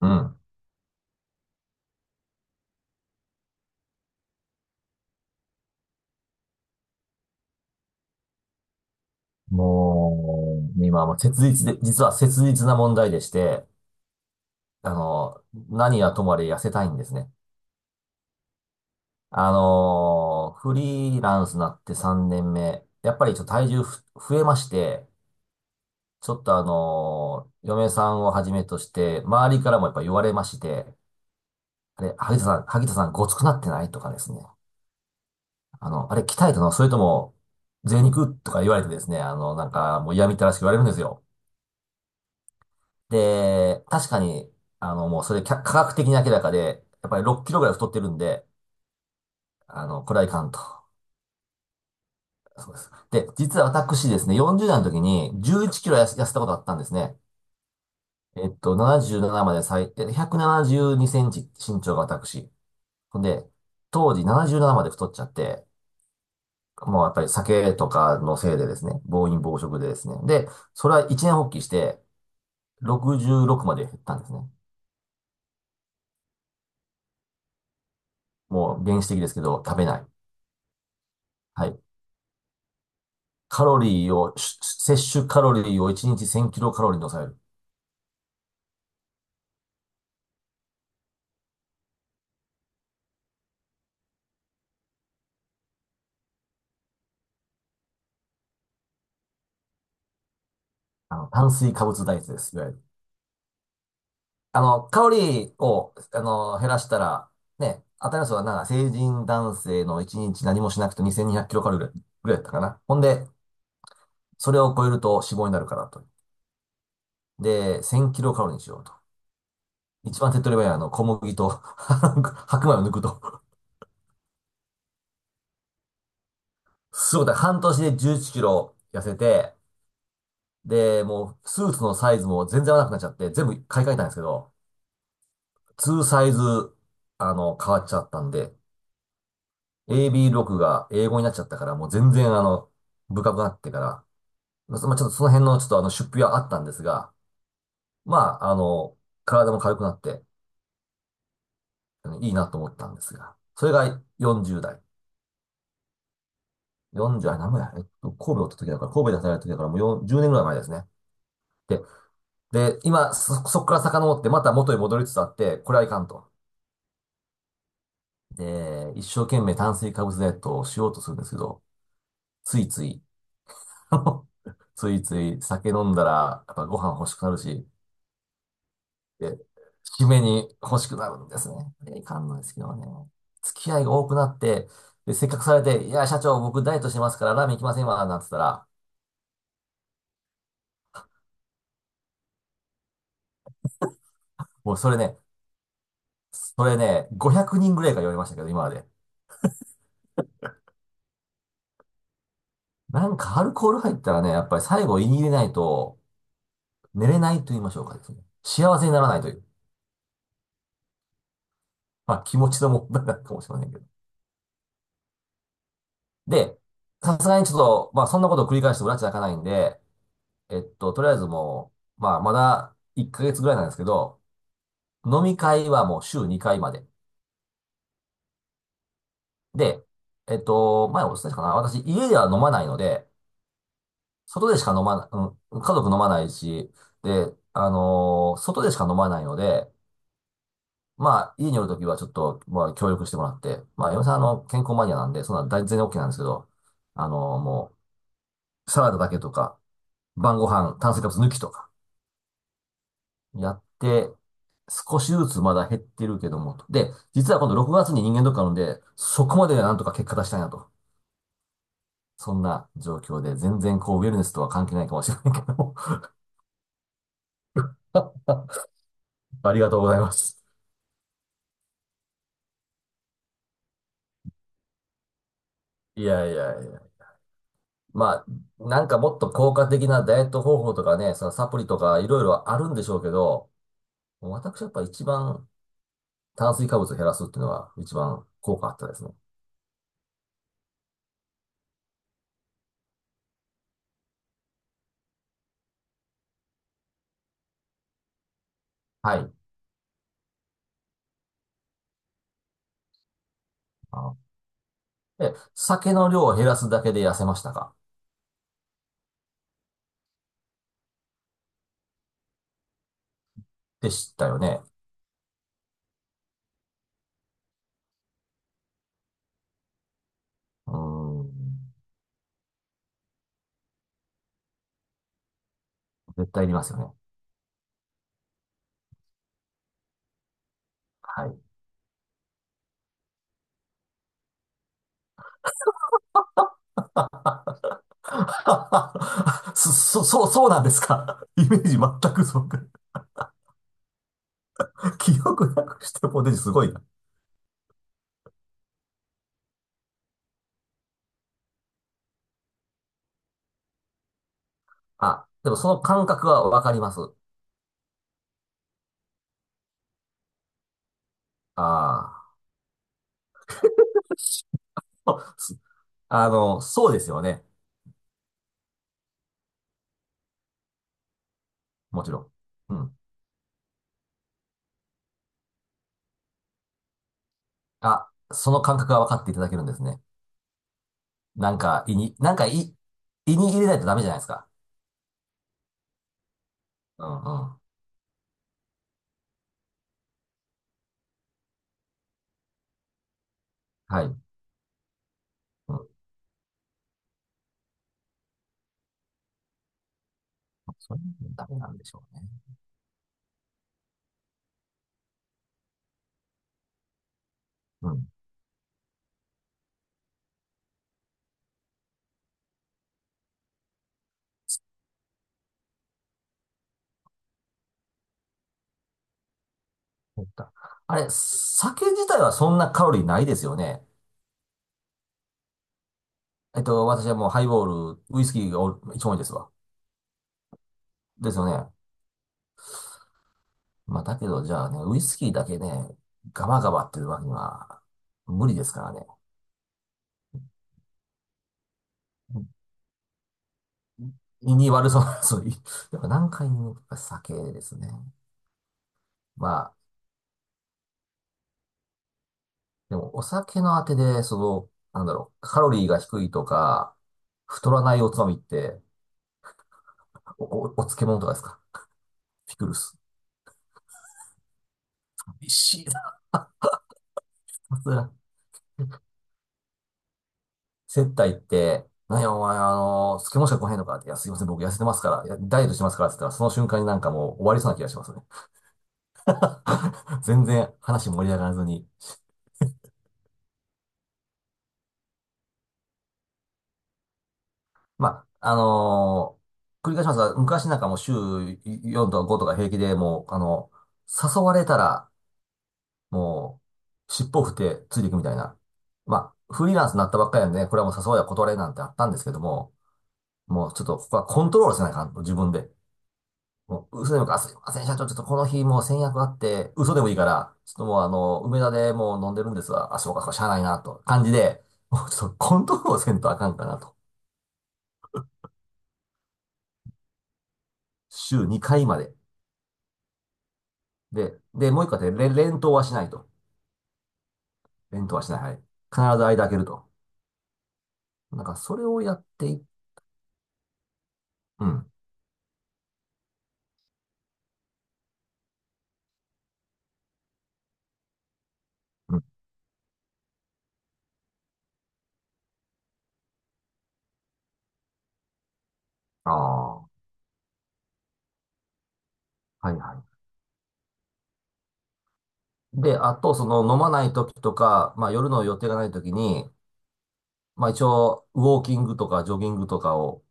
うん。もう、今はもう切実で、実は切実な問題でして、あの、何はともあれ痩せたいんですね。フリーランスになって3年目、やっぱりちょっと体重増えまして、ちょっと嫁さんをはじめとして、周りからもやっぱ言われまして、あれ、萩田さんごつくなってないとかですね。あれ鍛えたのそれとも、贅肉とか言われてですね、なんかもう嫌みったらしく言われるんですよ。で、確かに、もうそれ科学的に明らかで、やっぱり6キロぐらい太ってるんで、これはいかんと。そうです。で、実は私ですね、40代の時に11キロ痩せたことあったんですね。77まで172センチ身長が私。ほんで、当時77まで太っちゃって、もうやっぱり酒とかのせいでですね、暴飲暴食でですね。で、それは一年発起して、66まで減ったんですね。もう原始的ですけど、食べない。はい。カロリーを、摂取カロリーを1日1000キロカロリーに抑える。炭水化物ダイエットです。いわゆる。カロリーを、減らしたら、ね、新たいのはなんか成人男性の1日何もしなくて2200キロカロリーぐらいだったかな。ほんで、それを超えると脂肪になるからと。で、1000キロカロリーにしようと。一番手っ取り早いは小麦と 白米を抜くと。すごい、だから半年で11キロ痩せて、で、もうスーツのサイズも全然合わなくなっちゃって、全部買い替えたんですけど、ツーサイズ、変わっちゃったんで、AB6 が英語になっちゃったから、もう全然深くなってから、まあ、まあちょっとその辺のちょっと出費はあったんですが、まあ、体も軽くなって、いいなと思ったんですが、それが40代。40代、何もや、えっと、神戸おった時だから、神戸で働いた時だから、もう4 10年ぐらい前ですね。で、で、今、そこから遡って、また元に戻りつつあって、これはいかんと。で、一生懸命炭水化物ダイエットをしようとするんですけど、ついつい、ついつい酒飲んだら、やっぱご飯欲しくなるし、で、締めに欲しくなるんですね。いやいかんのですけどね。付き合いが多くなって、で、せっかくされて、いや、社長、僕ダイエットしてますからラーメン行きませんわ、なんて言ったら、もうそれね、500人ぐらいが言われましたけど、今まで。なんかアルコール入ったらね、やっぱり最後言い入れないと、寝れないと言いましょうかですね。幸せにならないという。まあ気持ちの問題なのかもしれませんけど。で、さすがにちょっと、まあそんなことを繰り返しても埒が明かないんで、とりあえずもう、まあ、まだ1ヶ月ぐらいなんですけど、飲み会はもう週2回まで。で、前お伝えしたかな私、家では飲まないので、外でしか飲まな、うん、家族飲まないし、で、外でしか飲まないので、まあ、家におるときはちょっと、まあ、協力してもらって、まあ、嫁さん、健康マニアなんで、そんな全然 OK なんですけど、もう、サラダだけとか、晩ご飯、炭水化物抜きとかやって、少しずつまだ減ってるけども、と。で、実は今度6月に人間ドックあるんで、そこまでなんとか結果出したいなと。そんな状況で、全然こう、ウェルネスとは関係ないかもしれないけども。ありがとうございます。いやいやいや。まあ、なんかもっと効果的なダイエット方法とかね、そのサプリとかいろいろあるんでしょうけど、私やっぱ一番炭水化物を減らすっていうのは一番効果あったですね。はい。あ酒の量を減らすだけで痩せましたか？でしたよね。うん。絶対いりますよね。はい。そうなんですか？イメージ全くそうか。記憶なくしてポテチすごいな。あ、でもその感覚はわかります。ああ。そうですよね。もちろん。うん。あ、その感覚がわかっていただけるんですね。なんか、胃に、胃に入れないとダメじゃないですか。うんうん。はい。うん。それもダメなんでしょうね。うん。そうかあれ、酒自体はそんなカロリーないですよね。私はもうハイボール、ウイスキーが一番多いですわ。ですよね。まあ、だけど、じゃあね、ウイスキーだけね、ガバガバっていうわけには無理ですからね。胃に悪そうな、そういう、やっぱ何回もやっぱ酒ですね。まあ、でもお酒のあてで、その、なんだろう、カロリーが低いとか、太らないおつまみって、お漬物とかですか？ピクルス。美味しいな。さすが接待って、なんやお前、スケしか来へんのかって、いや、すいません、僕痩せてますから、いやダイエットしてますからって言ったら、その瞬間になんかもう終わりそうな気がしますね。全然話盛り上がらずに。まあ、繰り返しますが、昔なんかもう週4とか5とか平気でもう、誘われたら、もう、尻尾を振ってついていくみたいな。まあ、フリーランスになったばっかりなんでね、これはもう誘われは断れなんてあったんですけども、もうちょっとここはコントロールせないかんと、自分で。もう、嘘でもいいから、あすいません、社長、ちょっとこの日もう先約あって、嘘でもいいから、ちょっともう梅田でもう飲んでるんですわ。あ、そうか、そうか、しゃあないな、と。感じで、もうちょっとコントロールをせんとあかんかなと。週2回まで。で、もう一個あって、連投はしないと。連投はしない。はい。必ず間開けると。なんか、それをやってい、うん。うん。ああ、はいはい。で、あと、その、飲まない時とか、まあ、夜の予定がない時に、まあ、一応、ウォーキングとか、ジョギングとかを、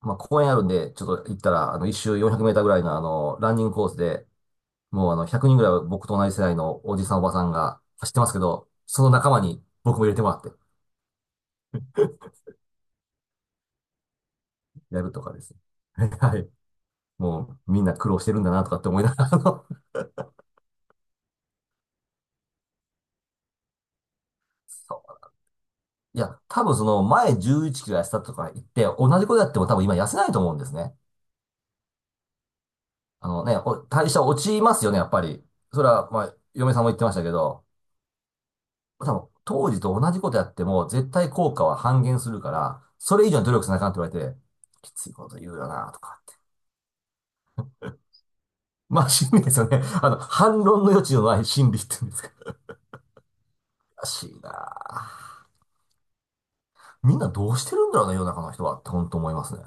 まあ、公園あるんで、ちょっと行ったら、一周400メーターぐらいの、ランニングコースで、もう、100人ぐらいは僕と同じ世代のおじさん、おばさんが走ってますけど、その仲間に僕も入れてもらって、やるとかですね。はい。もう、みんな苦労してるんだな、とかって思いながら、そういや、多分その、前11キロ痩せたとか言って、同じことやっても多分今痩せないと思うんですね。あのね、代謝落ちますよね、やっぱり。それは、まあ、嫁さんも言ってましたけど、多分、当時と同じことやっても、絶対効果は半減するから、それ以上に努力しなあかんって言われて、きついこと言うよな、とかって。まあ、心理ですよね。反論の余地のない心理って言うんですか。らしいなあ。みんなどうしてるんだろうな、世の中の人はって、本当思いますね。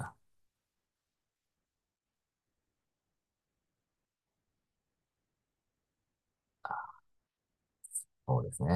そうですね。